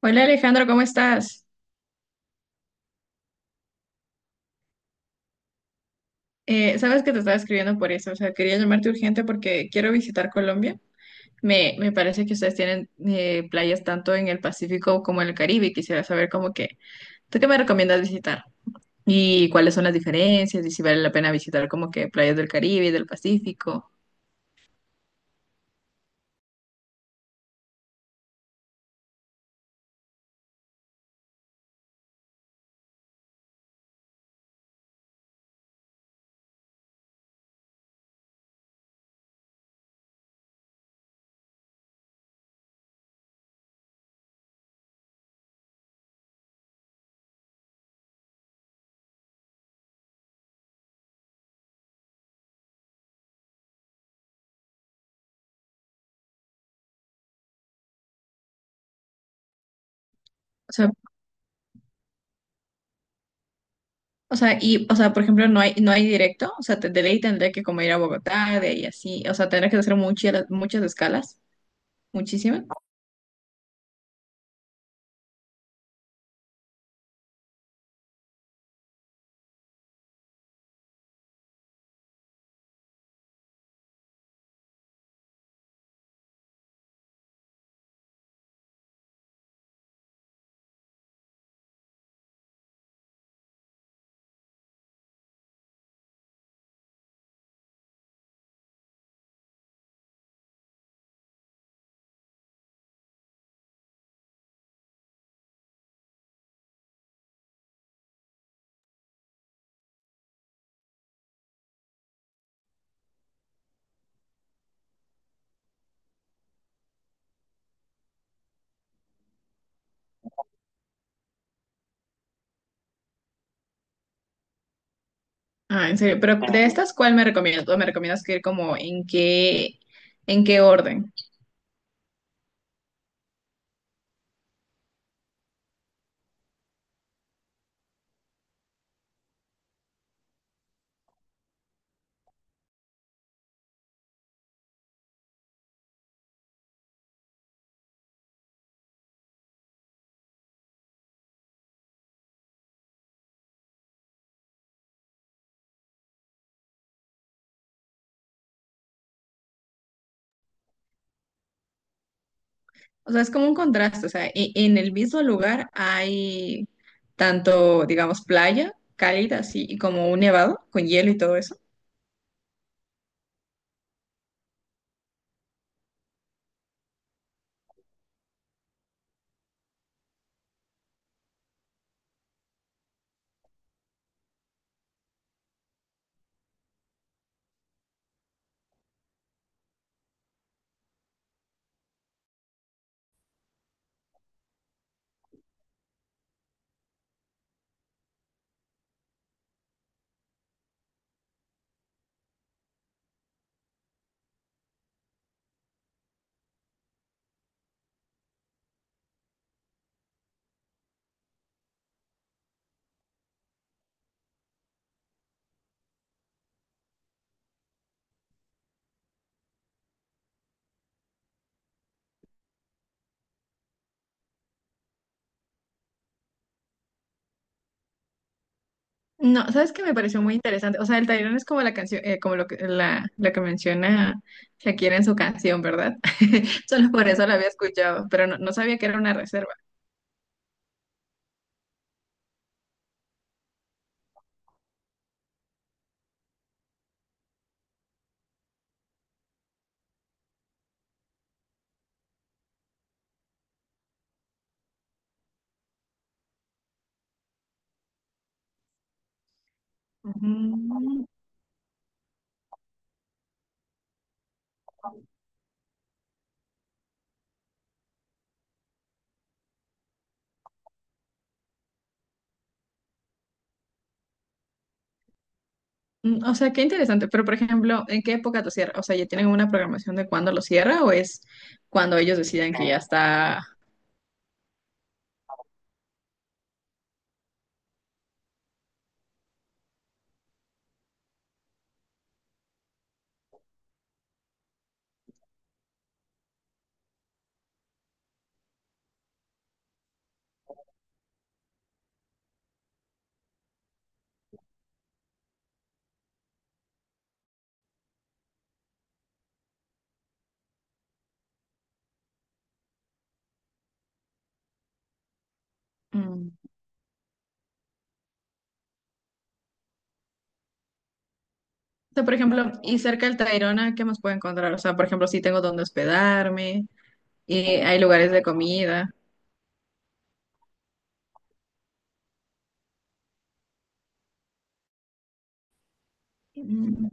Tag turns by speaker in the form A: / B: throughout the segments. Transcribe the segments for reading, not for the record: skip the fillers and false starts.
A: Hola Alejandro, ¿cómo estás? Sabes que te estaba escribiendo por eso, o sea, quería llamarte urgente porque quiero visitar Colombia. Me parece que ustedes tienen playas tanto en el Pacífico como en el Caribe y quisiera saber como que, ¿tú qué me recomiendas visitar? ¿Y cuáles son las diferencias? ¿Y si vale la pena visitar como que playas del Caribe y del Pacífico? O sea, o sea, por ejemplo, no hay directo, o sea, de ley tendré que como ir a Bogotá, de ahí así, o sea, tendré que hacer muchas, muchas escalas, muchísimas. Ah, en serio, pero de estas, ¿cuál me recomiendas? ¿O me recomiendas que ir como en qué orden? O sea, es como un contraste, o sea, en el mismo lugar hay tanto, digamos, playa cálida, así, y como un nevado con hielo y todo eso. No, ¿sabes qué me pareció muy interesante? O sea, el Tayrona es como la canción, como lo que, la que menciona Shakira en su canción, ¿verdad? Solo por eso la había escuchado, pero no, no sabía que era una reserva. Ujú. Mm, o sea, qué interesante. Pero, por ejemplo, ¿en qué época lo cierra? O sea, ¿ya tienen una programación de cuándo lo cierra o es cuando ellos deciden que ya está? Mm. O sea, por ejemplo, y cerca del Tayrona, ¿qué más puedo encontrar? O sea, por ejemplo, si tengo dónde hospedarme, y hay lugares de comida. Mm.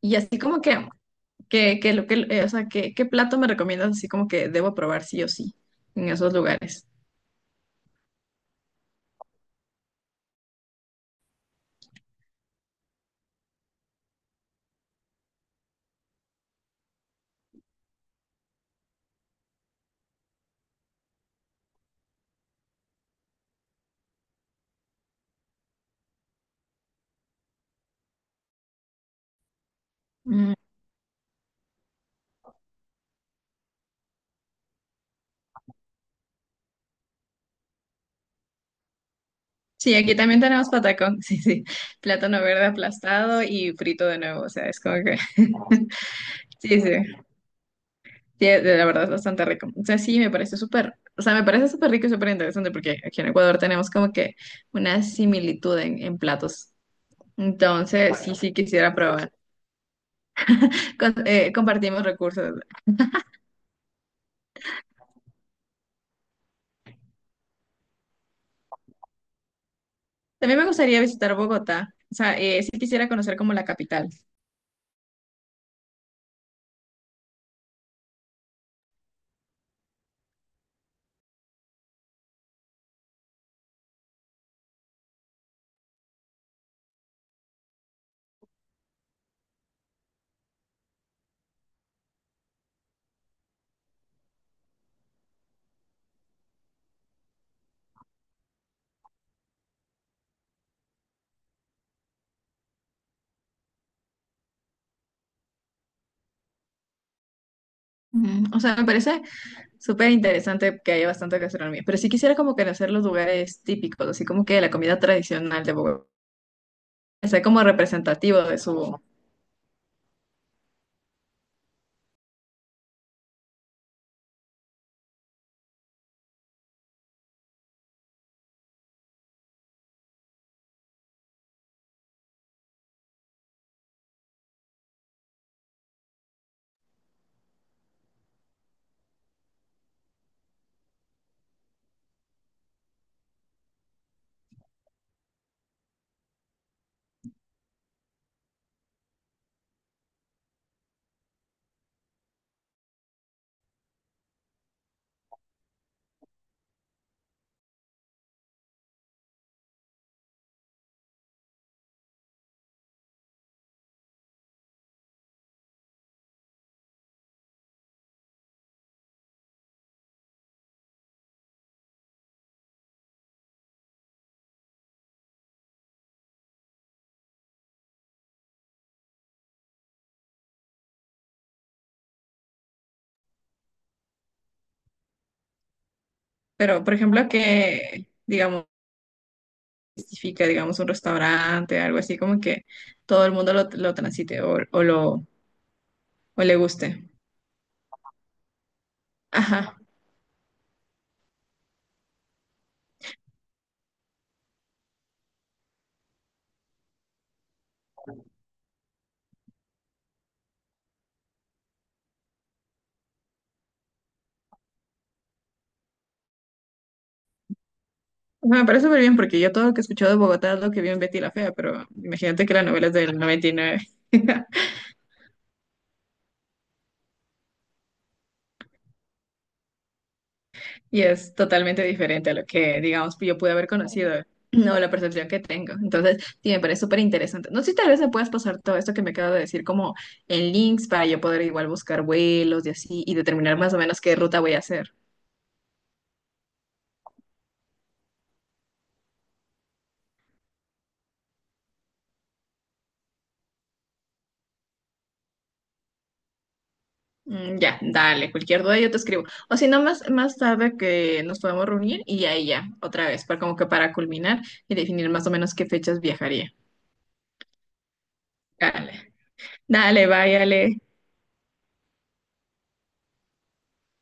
A: Y así como que, que lo que, o sea, ¿qué, qué plato me recomiendas así como que debo probar sí o sí en esos lugares? Mm. Sí, aquí también tenemos patacón, sí, sí, plátano verde aplastado y frito de nuevo, o sea, es como que... Sí, sí, sí, la verdad es bastante rico. O sea, sí, me parece súper, o sea, me parece súper rico y súper interesante porque aquí en Ecuador tenemos como que una similitud en platos. Entonces, sí, sí, quisiera probar. Compartimos recursos. También me gustaría visitar Bogotá. O sea, sí quisiera conocer como la capital. Ujú. O sea, me parece súper interesante que haya bastante gastronomía. Pero sí quisiera como conocer los lugares típicos, así como que la comida tradicional de Bogotá. Sea como representativo de su... Pero, por ejemplo, que, digamos, justifica, digamos, un restaurante, algo así, como que todo el mundo lo transite o lo, o le guste. Ajá. Bueno, me parece súper bien porque yo todo lo que he escuchado de Bogotá es lo que vi en Betty la Fea, pero imagínate que la novela es del 99 y nueve y es totalmente diferente a lo que, digamos, yo pude haber conocido. No, la percepción que tengo. Entonces, sí, me parece súper interesante. No sé si tal vez me puedas pasar todo esto que me acabo de decir como en links para yo poder igual buscar vuelos y así y determinar más o menos qué ruta voy a hacer. Mm, ya, dale, cualquier duda yo te escribo. O si no, más tarde que nos podamos reunir y ahí ya, otra vez, para como que para culminar y definir más o menos qué fechas viajaría. Dale, dale, váyale.